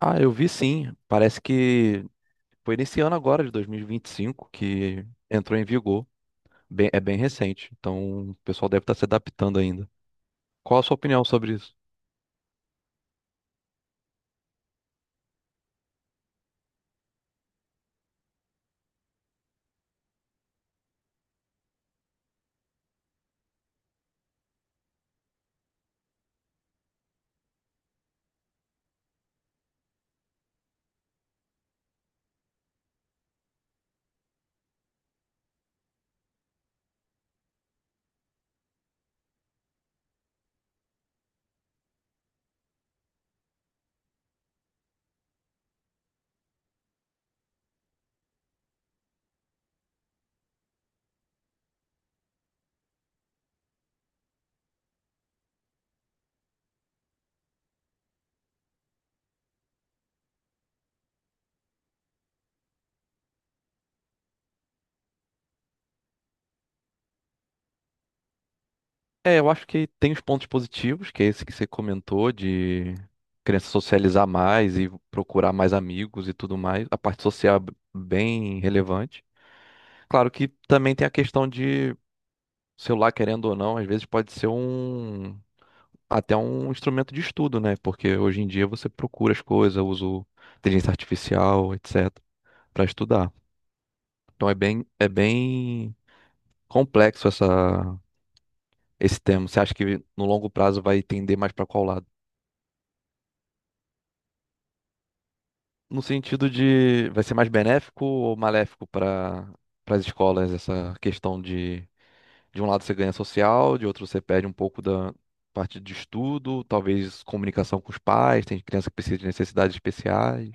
Ah, eu vi sim. Parece que foi nesse ano agora, de 2025, que entrou em vigor. É bem recente, então o pessoal deve estar se adaptando ainda. Qual a sua opinião sobre isso? É, eu acho que tem os pontos positivos, que é esse que você comentou, de criança socializar mais e procurar mais amigos e tudo mais. A parte social é bem relevante. Claro que também tem a questão de celular, querendo ou não, às vezes pode ser até um instrumento de estudo, né? Porque hoje em dia você procura as coisas, usa o inteligência artificial, etc, para estudar. Então é bem complexo esse tema. Você acha que no longo prazo vai tender mais para qual lado? No sentido de vai ser mais benéfico ou maléfico para as escolas essa questão de um lado você ganha social, de outro você perde um pouco da parte de estudo, talvez comunicação com os pais, tem criança que precisa de necessidades especiais.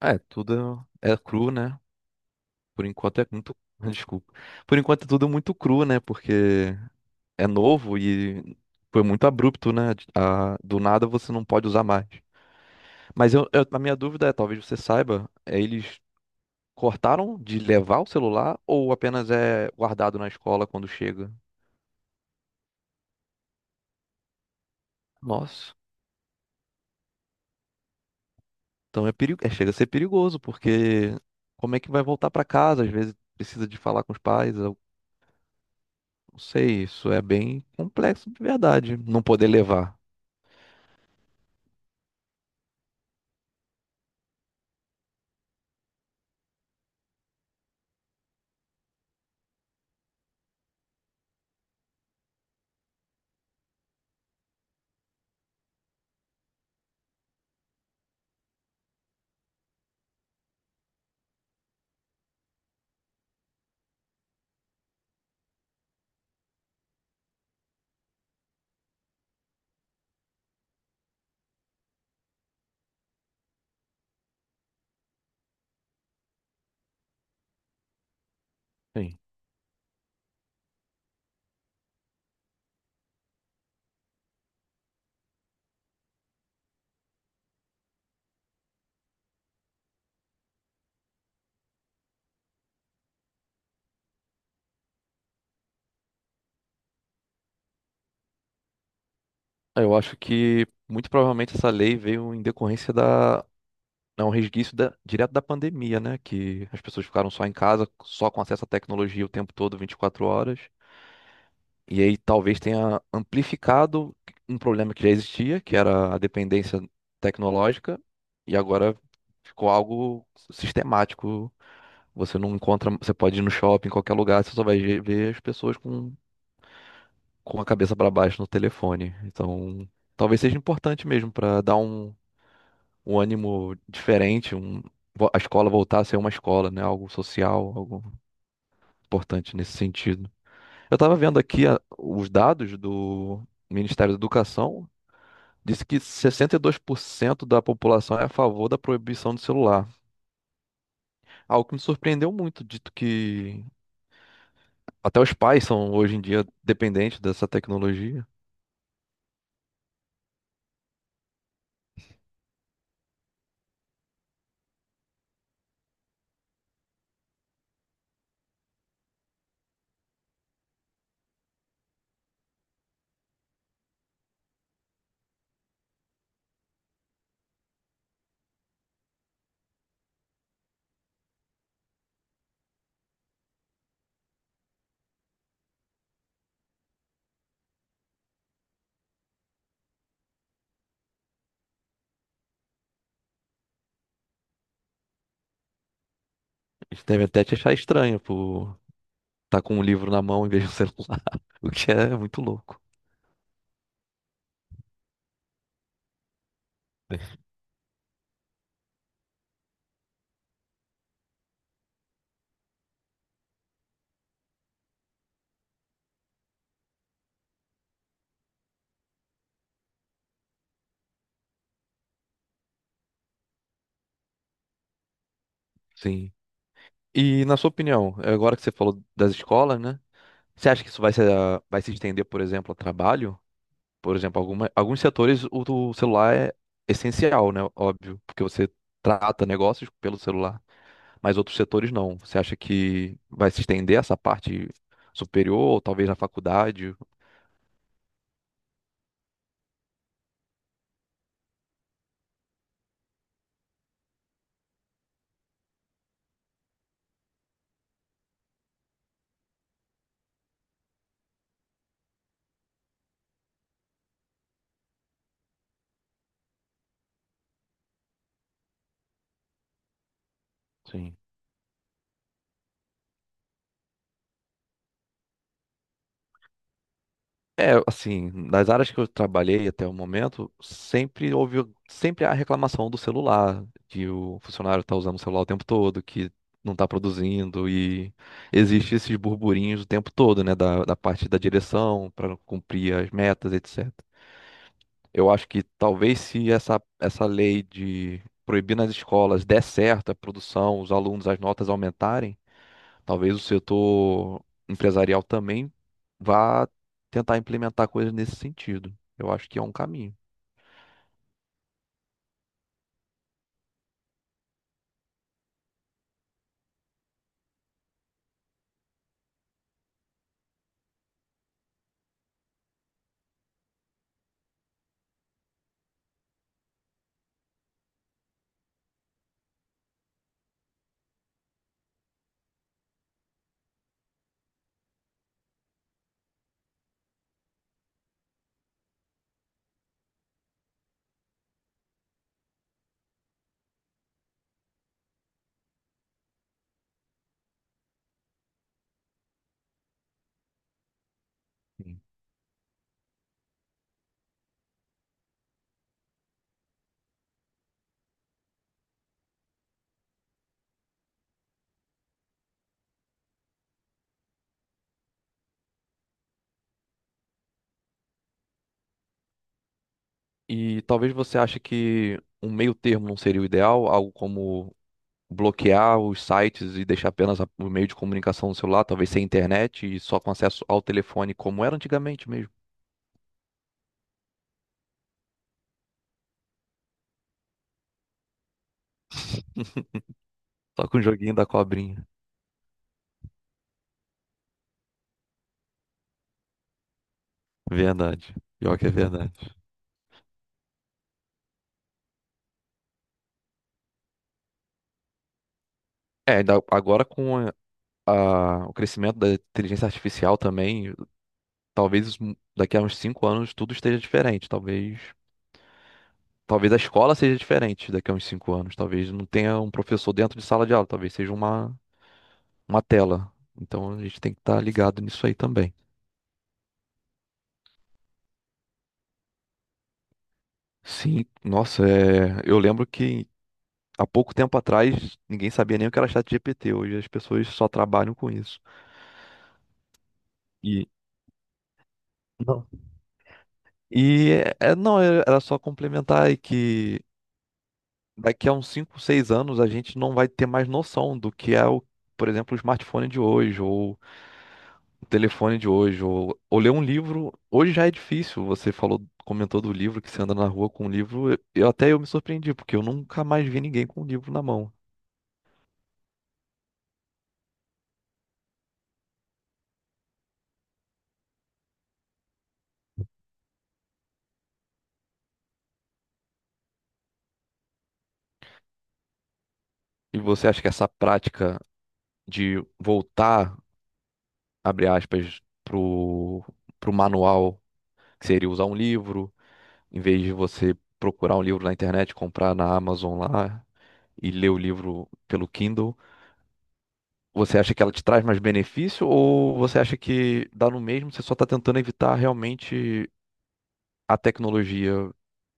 É, tudo é cru, né? Por enquanto é muito. Desculpa. Por enquanto é tudo muito cru, né? Porque é novo e foi muito abrupto, né? Do nada você não pode usar mais. Mas a minha dúvida é, talvez você saiba, é, eles cortaram de levar o celular ou apenas é guardado na escola quando chega? Nossa. Então chega a ser perigoso, porque como é que vai voltar para casa? Às vezes precisa de falar com os pais, eu não sei, isso é bem complexo de verdade, não poder levar. Sim. Ah, eu acho que muito provavelmente essa lei veio em decorrência da. É um resquício direto da pandemia, né? Que as pessoas ficaram só em casa, só com acesso à tecnologia o tempo todo, 24 horas. E aí talvez tenha amplificado um problema que já existia, que era a dependência tecnológica, e agora ficou algo sistemático. Você não encontra, você pode ir no shopping, em qualquer lugar, você só vai ver as pessoas com a cabeça para baixo no telefone. Então, talvez seja importante mesmo para dar um ânimo diferente, a escola voltar a ser uma escola, né? Algo social, algo importante nesse sentido. Eu estava vendo aqui os dados do Ministério da Educação. Disse que 62% da população é a favor da proibição do celular. Algo que me surpreendeu muito, dito que até os pais são hoje em dia dependentes dessa tecnologia. Eles devem até te achar estranho, pô, tá com um livro na mão em vez de um celular, o que é muito louco. Sim. E na sua opinião, é agora que você falou das escolas, né? Você acha que isso vai se estender, por exemplo, ao trabalho? Por exemplo, alguns setores do celular é essencial, né? Óbvio, porque você trata negócios pelo celular, mas outros setores não. Você acha que vai se estender essa parte superior, ou talvez na faculdade? Sim. É, assim, nas áreas que eu trabalhei até o momento, sempre houve sempre a reclamação do celular, que o funcionário está usando o celular o tempo todo, que não está produzindo, e existe esses burburinhos o tempo todo, né, da parte da direção, para cumprir as metas, etc. Eu acho que talvez se essa lei de proibir nas escolas der certo a produção, os alunos, as notas aumentarem, talvez o setor empresarial também vá tentar implementar coisas nesse sentido. Eu acho que é um caminho. Sim. E talvez você ache que um meio termo não seria o ideal, algo como bloquear os sites e deixar apenas o meio de comunicação no celular, talvez sem internet e só com acesso ao telefone, como era antigamente mesmo. Só com o joguinho da cobrinha. Verdade. Pior que é verdade. É, ainda agora com o crescimento da inteligência artificial também, talvez daqui a uns 5 anos tudo esteja diferente. Talvez a escola seja diferente daqui a uns 5 anos. Talvez não tenha um professor dentro de sala de aula. Talvez seja uma tela. Então a gente tem que estar ligado nisso aí também. Sim, nossa, é, eu lembro que há pouco tempo atrás ninguém sabia nem o que era ChatGPT. Hoje as pessoas só trabalham com isso. E não. E não, era só complementar aí que daqui a uns 5, 6 anos a gente não vai ter mais noção do que é o, por exemplo, o smartphone de hoje, ou o telefone de hoje, ou, ler um livro. Hoje já é difícil. Você comentou do livro que você anda na rua com um livro. Eu até eu me surpreendi, porque eu nunca mais vi ninguém com um livro na mão. E você acha que essa prática de voltar, abre aspas, pro manual, que seria usar um livro? Em vez de você procurar um livro na internet, comprar na Amazon lá e ler o livro pelo Kindle, você acha que ela te traz mais benefício ou você acha que dá no mesmo, você só está tentando evitar realmente a tecnologia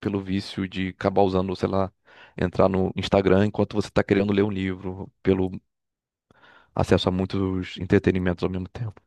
pelo vício de acabar usando, sei lá, entrar no Instagram enquanto você está querendo ler um livro, pelo acesso a muitos entretenimentos ao mesmo tempo?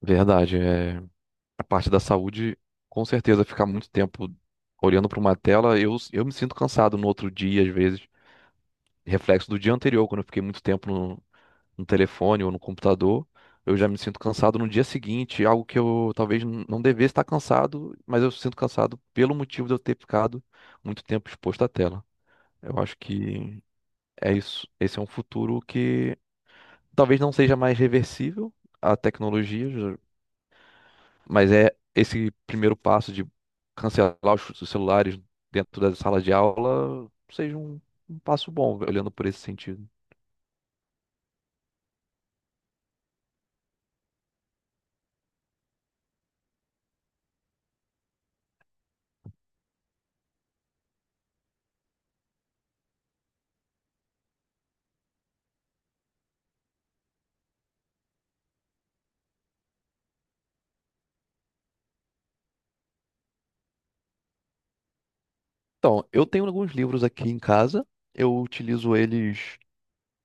Verdade, é a parte da saúde, com certeza ficar muito tempo olhando para uma tela, eu me sinto cansado no outro dia às vezes. Reflexo do dia anterior, quando eu fiquei muito tempo no telefone ou no computador, eu já me sinto cansado no dia seguinte, algo que eu talvez não devesse estar cansado, mas eu sinto cansado pelo motivo de eu ter ficado muito tempo exposto à tela. Eu acho que é isso. Esse é um futuro que talvez não seja mais reversível a tecnologia, mas é esse primeiro passo de cancelar os celulares dentro da sala de aula seja um passo bom, olhando por esse sentido. Então, eu tenho alguns livros aqui em casa, eu utilizo eles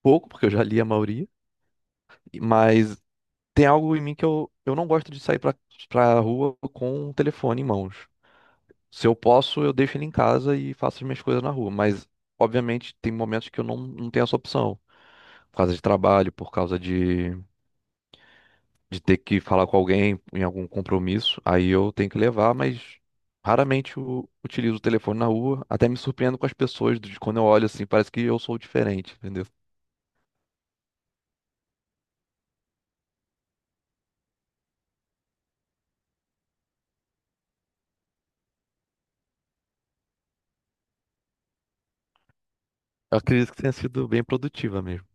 pouco, porque eu já li a maioria, mas tem algo em mim que eu não gosto de sair pra rua com o telefone em mãos. Se eu posso, eu deixo ele em casa e faço as minhas coisas na rua, mas obviamente tem momentos que eu não tenho essa opção, por causa de trabalho, por causa de ter que falar com alguém em algum compromisso, aí eu tenho que levar, mas raramente eu utilizo o telefone na rua, até me surpreendo com as pessoas, de quando eu olho assim, parece que eu sou diferente, entendeu? Eu acredito que tenha sido bem produtiva mesmo.